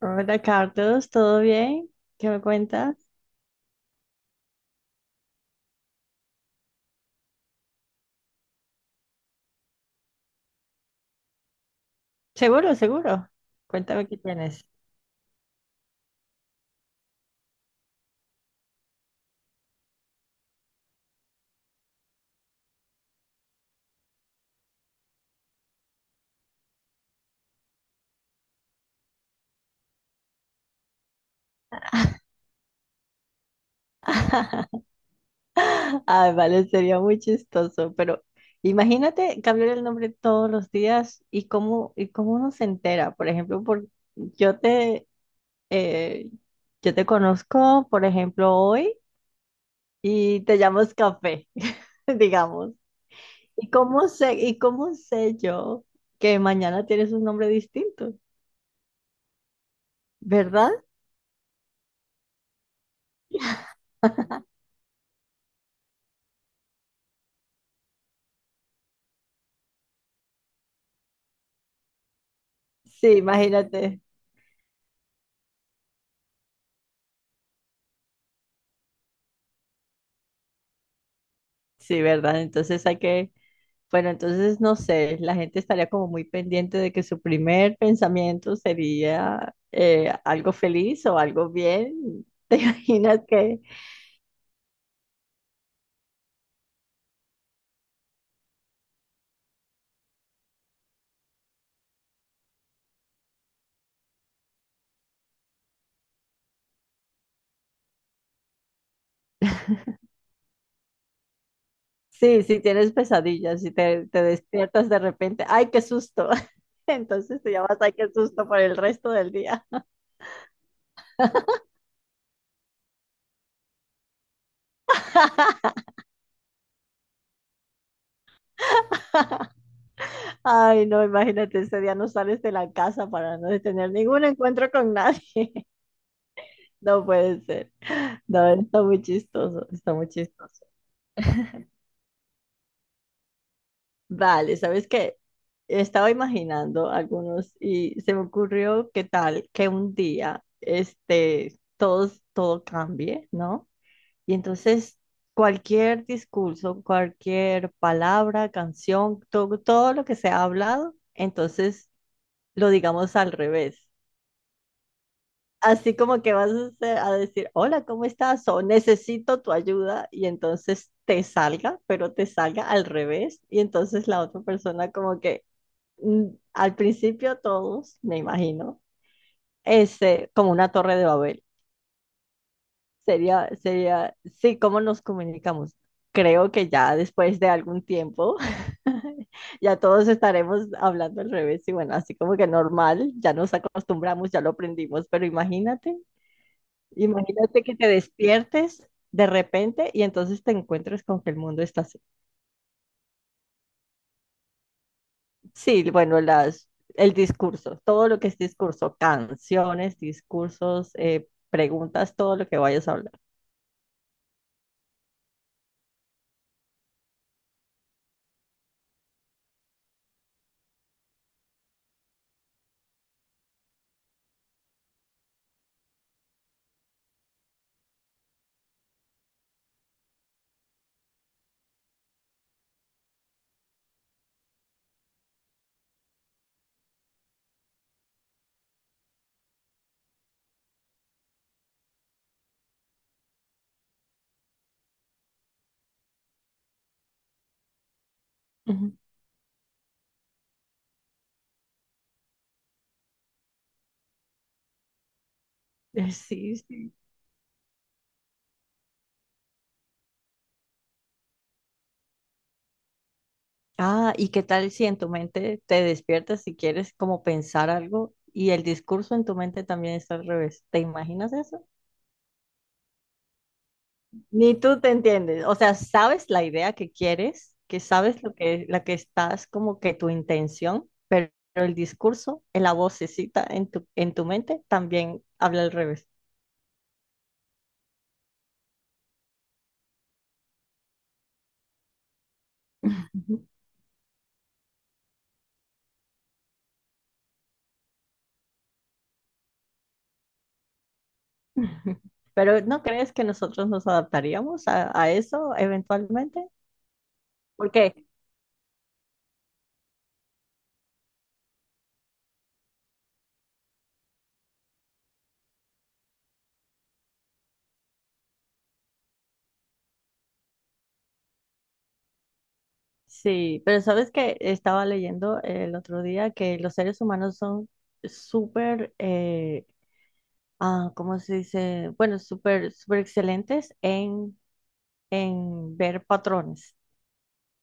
Hola Carlos, ¿todo bien? ¿Qué me cuentas? Seguro, seguro. Cuéntame qué tienes. Ay, vale, sería muy chistoso, pero imagínate cambiar el nombre todos los días y cómo uno se entera. Por ejemplo, yo te, eh, yo te conozco, por ejemplo, hoy y te llamas Café, digamos. ¿Y cómo sé yo que mañana tienes un nombre distinto? ¿Verdad? Sí, imagínate. Sí, ¿verdad? Bueno, entonces no sé, la gente estaría como muy pendiente de que su primer pensamiento sería algo feliz o algo bien. ¿Te imaginas que, sí, si tienes pesadillas y te despiertas de repente, ¡ay, qué susto! Entonces te llamas, ¡ay, qué susto!, por el resto del día. Ay, no, imagínate, ese día no sales de la casa para no tener ningún encuentro con nadie. No puede ser. No, está muy chistoso, está muy chistoso. Vale, ¿sabes qué? Estaba imaginando algunos y se me ocurrió qué tal que un día todo cambie, ¿no? Y entonces cualquier discurso, cualquier palabra, canción, todo lo que se ha hablado, entonces lo digamos al revés. Así como que vas a decir, hola, ¿cómo estás? O necesito tu ayuda y entonces te salga, pero te salga al revés y entonces la otra persona como que mm, al principio todos, me imagino, como una torre de Babel. Sí, ¿cómo nos comunicamos? Creo que ya después de algún tiempo, ya todos estaremos hablando al revés y bueno, así como que normal, ya nos acostumbramos, ya lo aprendimos, pero imagínate que te despiertes de repente y entonces te encuentres con que el mundo está así. Sí, bueno, el discurso, todo lo que es discurso, canciones, discursos, preguntas, todo lo que vayas a hablar. Ujú. Sí, sí. Ah, ¿y qué tal si en tu mente te despiertas y quieres como pensar algo y el discurso en tu mente también está al revés? ¿Te imaginas eso? Ni tú te entiendes. O sea, sabes la idea que quieres, que sabes lo que, la que estás como que tu intención, pero el discurso, en la vocecita en tu mente también habla al revés. Pero ¿no crees que nosotros nos adaptaríamos a eso eventualmente? Porque sí, pero sabes que estaba leyendo el otro día que los seres humanos son súper, ah, ¿cómo se dice? Bueno, súper excelentes en ver patrones.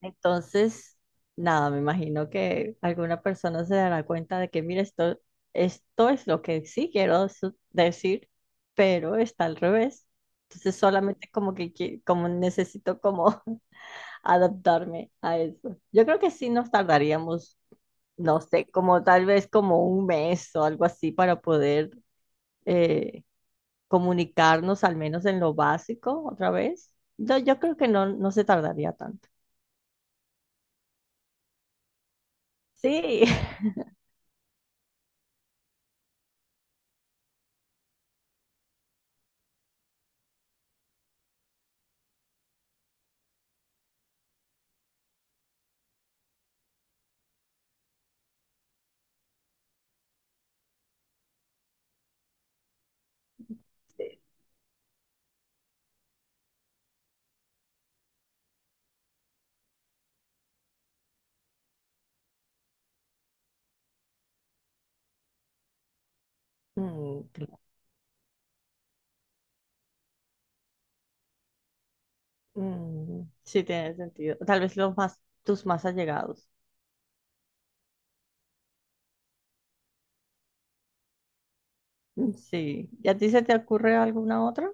Entonces, nada, me imagino que alguna persona se dará cuenta de que, mira, esto es lo que sí quiero decir, pero está al revés. Entonces, solamente como que como necesito como adaptarme a eso. Yo creo que sí nos tardaríamos, no sé, como tal vez como un mes o algo así para poder eh, comunicarnos al menos en lo básico otra vez. Yo creo que no, no se tardaría tanto. Sí. Mm. Mm, sí, tiene sentido. Tal vez los más, tus más allegados. Mm. Sí. ¿Y a ti se te ocurre alguna otra?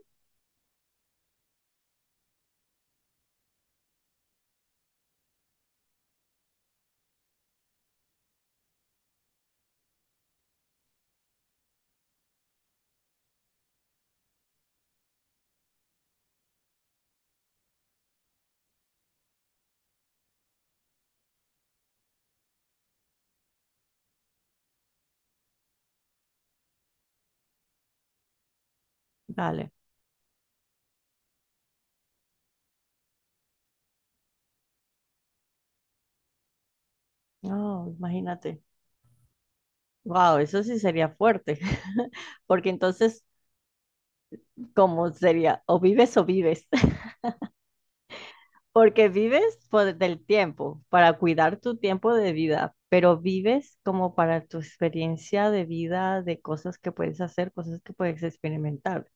Dale. No, imagínate. Wow, eso sí sería fuerte. Porque entonces, ¿cómo sería? O vives o vives. Porque vives por del tiempo, para cuidar tu tiempo de vida, pero vives como para tu experiencia de vida, de cosas que puedes hacer, cosas que puedes experimentar.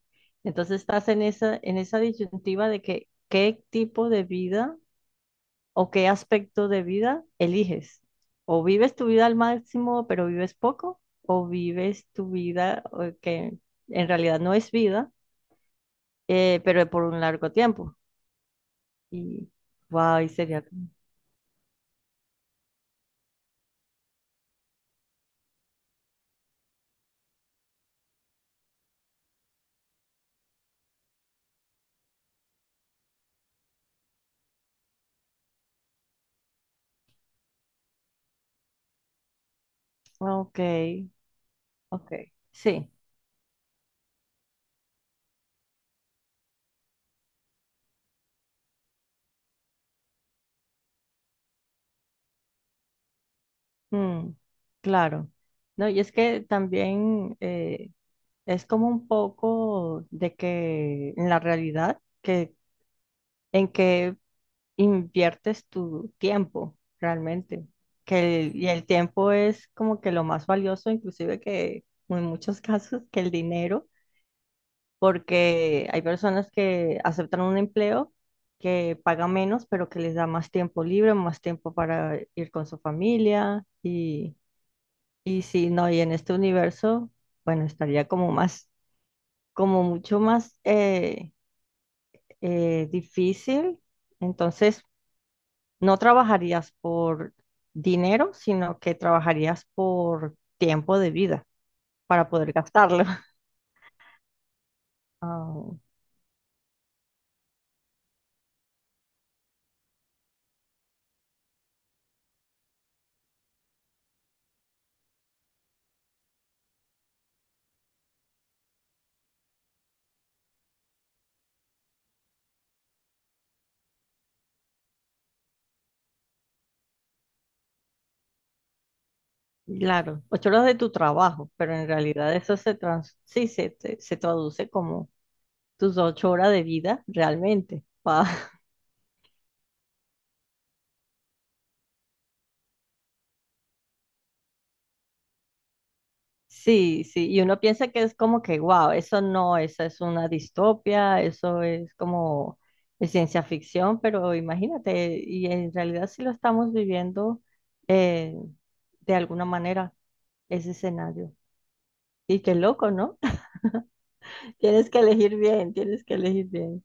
Entonces estás en esa disyuntiva de que qué tipo de vida o qué aspecto de vida eliges. O vives tu vida al máximo, pero vives poco, o vives tu vida que en realidad no es vida, pero por un largo tiempo. Y, wow, y sería, ok. Ok, sí, mm, claro. No, y es que también es como un poco de que en la realidad, que inviertes tu tiempo realmente, y el tiempo es como que lo más valioso, inclusive que en muchos casos que el dinero, porque hay personas que aceptan un empleo que paga menos, pero que les da más tiempo libre, más tiempo para ir con su familia. Y si no, y en este universo, bueno, estaría como más, como mucho más difícil. Entonces, no trabajarías por dinero, sino que trabajarías por tiempo de vida para poder gastarlo. Ah, claro, ocho horas de tu trabajo, pero en realidad eso se trans, sí, se traduce como tus ocho horas de vida realmente. Pa- Sí, sí, y uno piensa que es como que, wow, eso no, esa es una distopia, eso es como de ciencia ficción, pero imagínate, y en realidad sí lo estamos viviendo eh, de alguna manera, ese escenario. Y qué loco, ¿no? Tienes que elegir bien, tienes que elegir bien.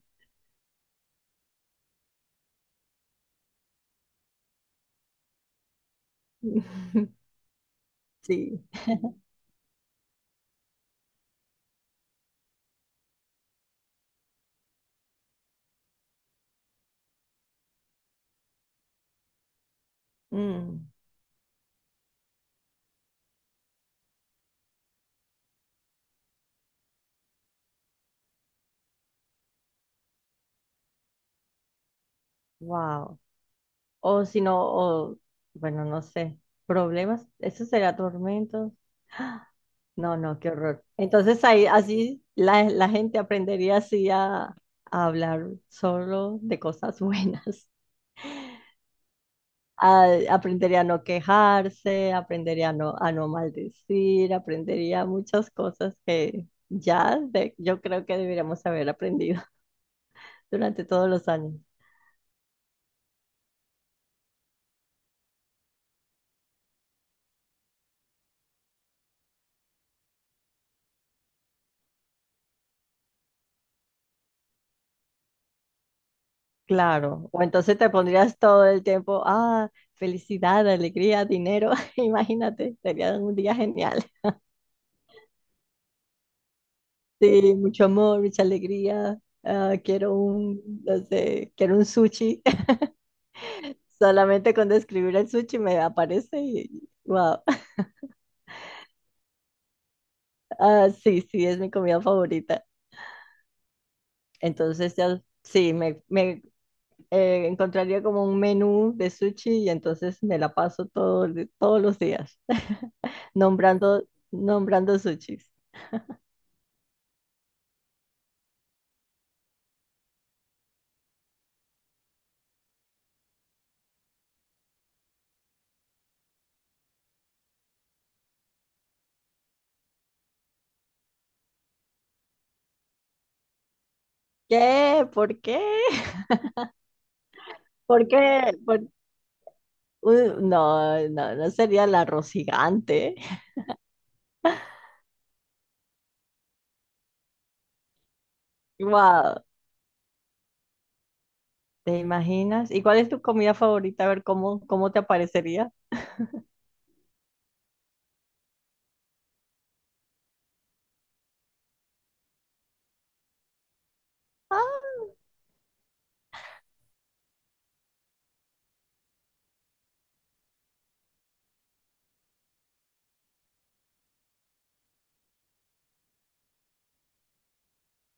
Sí. Wow. O si no, o, bueno, no sé, problemas, eso será tormentos. No, no, qué horror. Entonces ahí así la gente aprendería así a hablar solo de cosas buenas. Aprendería a no quejarse, aprendería a no maldecir, aprendería muchas cosas que yo creo que deberíamos haber aprendido durante todos los años. Claro. O entonces te pondrías todo el tiempo, ah, felicidad, alegría, dinero. Imagínate, sería un día genial. Sí, mucho amor, mucha alegría. Ah, quiero un, no sé, quiero un sushi. Solamente con describir el sushi me aparece y wow. Ah, sí, sí, es mi comida favorita. Entonces ya, sí, me encontraría como un menú de sushi y entonces me la paso todos los días nombrando, nombrando sushis. ¿Qué? ¿Por qué? ¿Por qué? ¿Por- no, no sería el arroz gigante. Wow. ¿Te imaginas? ¿Y cuál es tu comida favorita? A ver cómo, cómo te aparecería. Ah,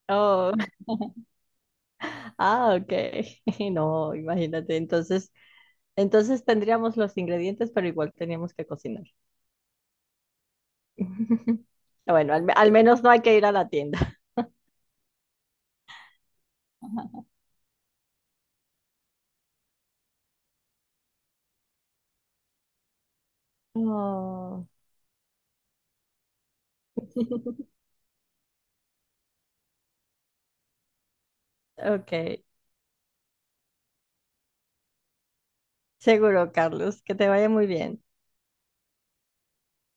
oh, ah, ok. No, imagínate. Entonces tendríamos los ingredientes, pero igual teníamos que cocinar. Bueno, al menos no hay que ir a la tienda. Oh. Ok, seguro, Carlos, que te vaya muy bien.